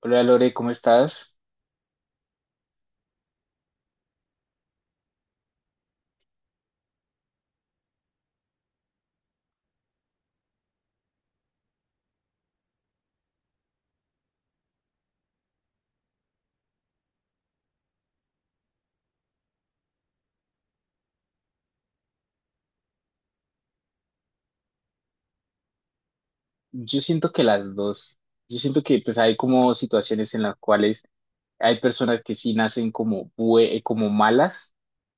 Hola Lore, ¿cómo estás? Yo siento que las dos, yo siento que pues hay como situaciones en las cuales hay personas que sí nacen como, como malas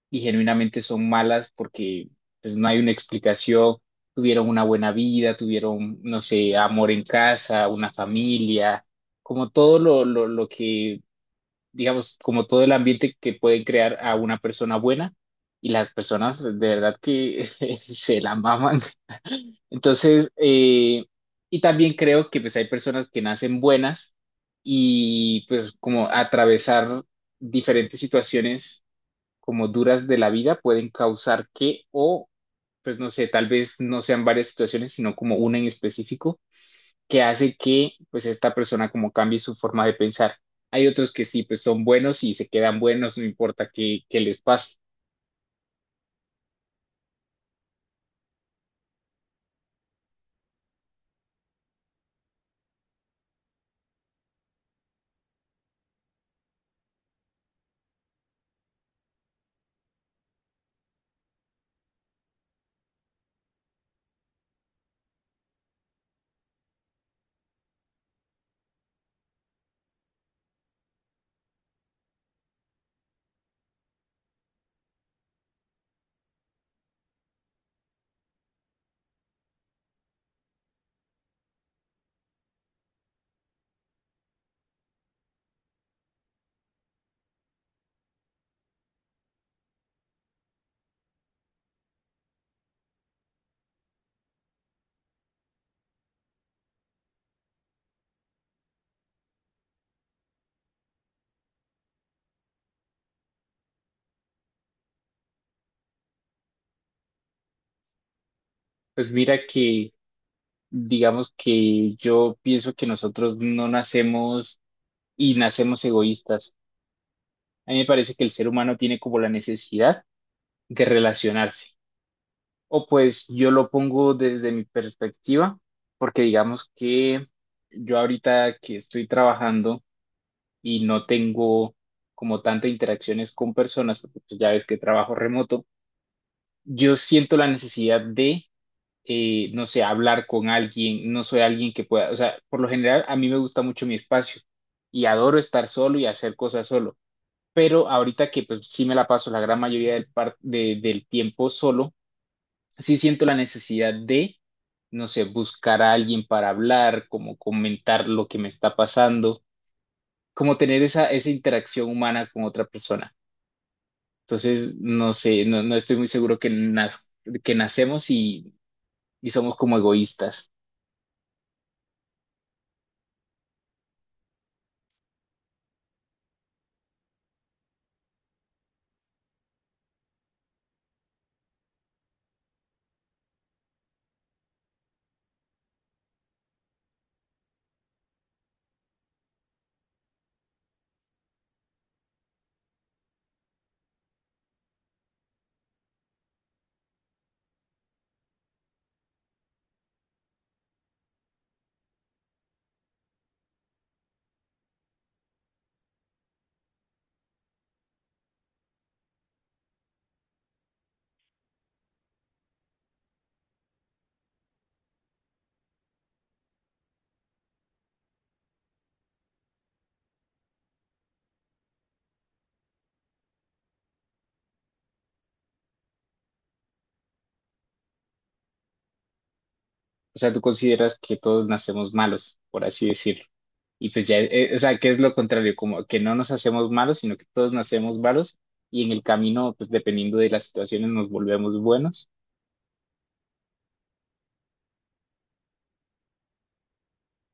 y genuinamente son malas porque pues no hay una explicación, tuvieron una buena vida, tuvieron, no sé, amor en casa, una familia, como todo lo que digamos, como todo el ambiente que pueden crear a una persona buena y las personas de verdad que se la maman. Entonces, y también creo que pues hay personas que nacen buenas y pues como atravesar diferentes situaciones como duras de la vida pueden causar que o pues no sé, tal vez no sean varias situaciones, sino como una en específico, que hace que pues esta persona como cambie su forma de pensar. Hay otros que sí, pues son buenos y se quedan buenos, no importa qué, qué les pase. Pues mira que, digamos que yo pienso que nosotros no nacemos y nacemos egoístas. A mí me parece que el ser humano tiene como la necesidad de relacionarse. O pues yo lo pongo desde mi perspectiva, porque digamos que yo ahorita que estoy trabajando, y no tengo como tantas interacciones con personas, porque pues ya ves que trabajo remoto, yo siento la necesidad de, no sé, hablar con alguien, no soy alguien que pueda, o sea, por lo general a mí me gusta mucho mi espacio y adoro estar solo y hacer cosas solo, pero ahorita que pues sí me la paso la gran mayoría del tiempo solo, sí siento la necesidad de no sé, buscar a alguien para hablar, como comentar lo que me está pasando, como tener esa interacción humana con otra persona. Entonces, no sé, no estoy muy seguro que, que nacemos y somos como egoístas. O sea, tú consideras que todos nacemos malos, por así decirlo. Y pues ya, o sea, que es lo contrario, como que no nos hacemos malos, sino que todos nacemos malos y en el camino, pues dependiendo de las situaciones, nos volvemos buenos.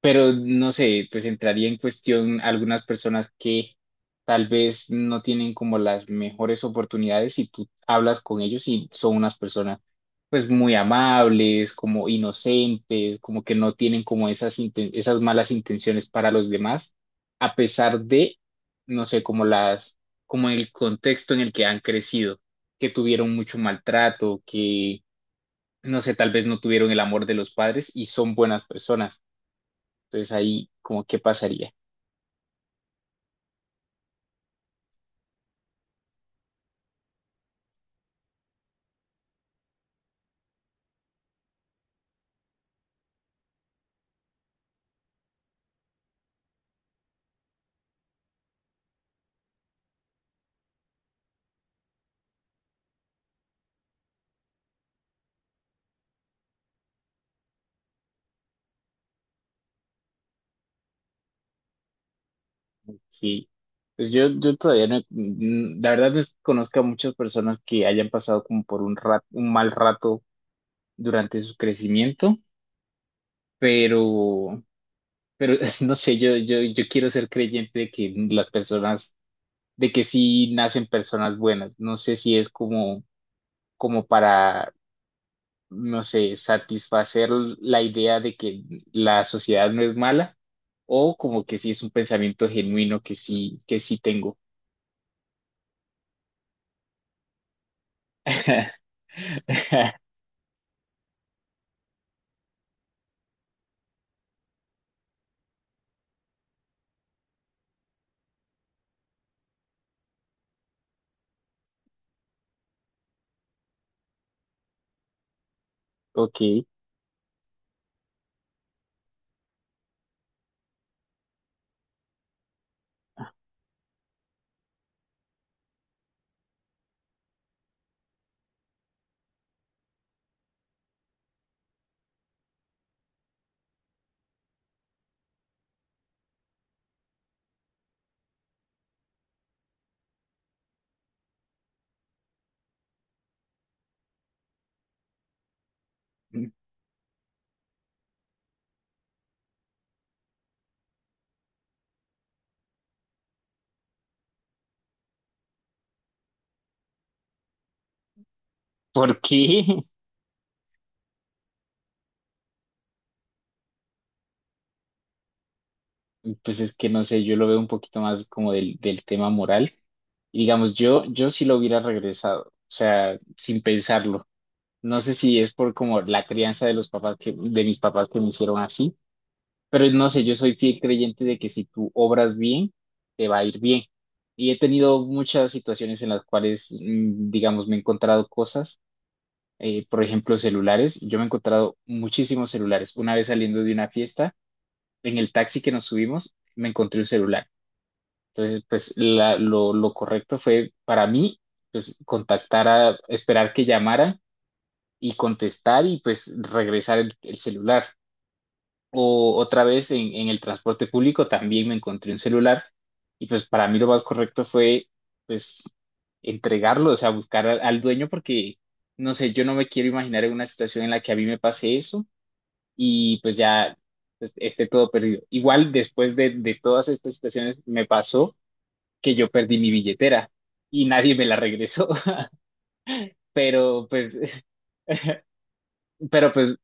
Pero no sé, pues entraría en cuestión algunas personas que tal vez no tienen como las mejores oportunidades y tú hablas con ellos y son unas personas pues muy amables, como inocentes, como que no tienen como esas malas intenciones para los demás, a pesar de, no sé, como las, como el contexto en el que han crecido, que tuvieron mucho maltrato, que, no sé, tal vez no tuvieron el amor de los padres y son buenas personas entonces ahí, como, ¿qué pasaría? Sí. Pues yo todavía no, la verdad desconozco conozco a muchas personas que hayan pasado como por un un mal rato durante su crecimiento, pero, pero no sé, yo quiero ser creyente de que las personas, de que sí nacen personas buenas. No sé si es como, como para, no sé, satisfacer la idea de que la sociedad no es mala o como que sí es un pensamiento genuino que sí tengo. Ok, ¿por qué? Pues es que no sé, yo lo veo un poquito más como del tema moral. Y digamos, yo sí lo hubiera regresado, o sea, sin pensarlo. No sé si es por como la crianza de los papás que, de mis papás que me hicieron así, pero no sé, yo soy fiel creyente de que si tú obras bien, te va a ir bien. Y he tenido muchas situaciones en las cuales, digamos, me he encontrado cosas. Eh, por ejemplo, celulares. Yo me he encontrado muchísimos celulares. Una vez saliendo de una fiesta, en el taxi que nos subimos, me encontré un celular. Entonces, pues lo correcto fue para mí, pues contactar a, esperar que llamaran y contestar y pues regresar el celular. O otra vez en el transporte público también me encontré un celular y pues para mí lo más correcto fue pues entregarlo, o sea, buscar al dueño porque, no sé, yo no me quiero imaginar en una situación en la que a mí me pase eso y pues ya pues, esté todo perdido. Igual después de todas estas situaciones me pasó que yo perdí mi billetera y nadie me la regresó, pero pues, pero pues,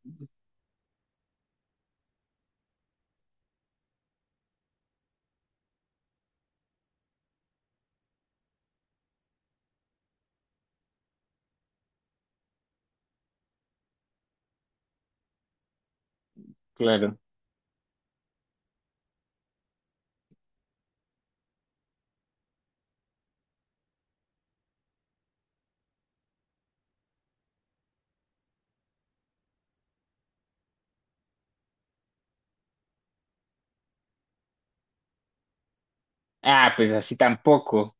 claro. Ah, pues así tampoco.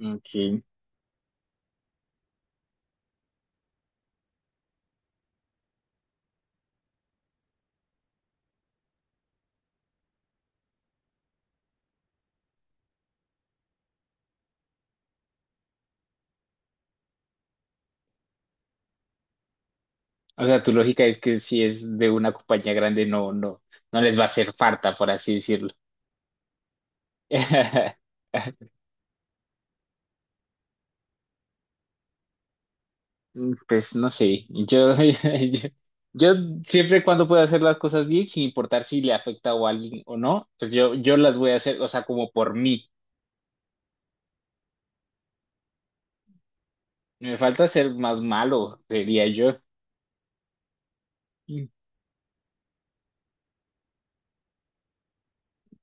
Ok. O sea, tu lógica es que si es de una compañía grande, no les va a hacer falta, por así decirlo. Mm, pues no sé, yo, yo, yo siempre cuando puedo hacer las cosas bien, sin importar si le afecta a alguien o no, pues yo las voy a hacer, o sea, como por mí. Me falta ser más malo, diría yo. Mm,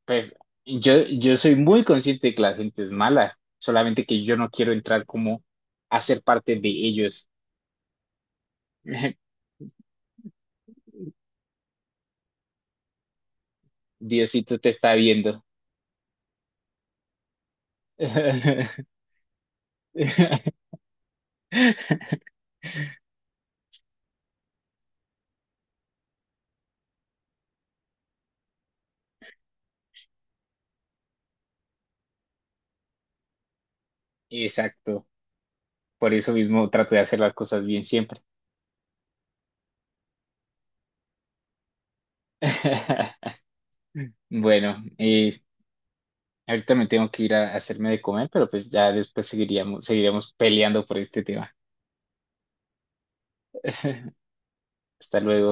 pues yo, yo soy muy consciente de que la gente es mala, solamente que yo no quiero entrar como a ser parte de ellos. Diosito te está viendo. Exacto. Por eso mismo trato de hacer las cosas bien siempre. Bueno, ahorita me tengo que ir a hacerme de comer, pero pues ya después seguiremos peleando por este tema. Hasta luego.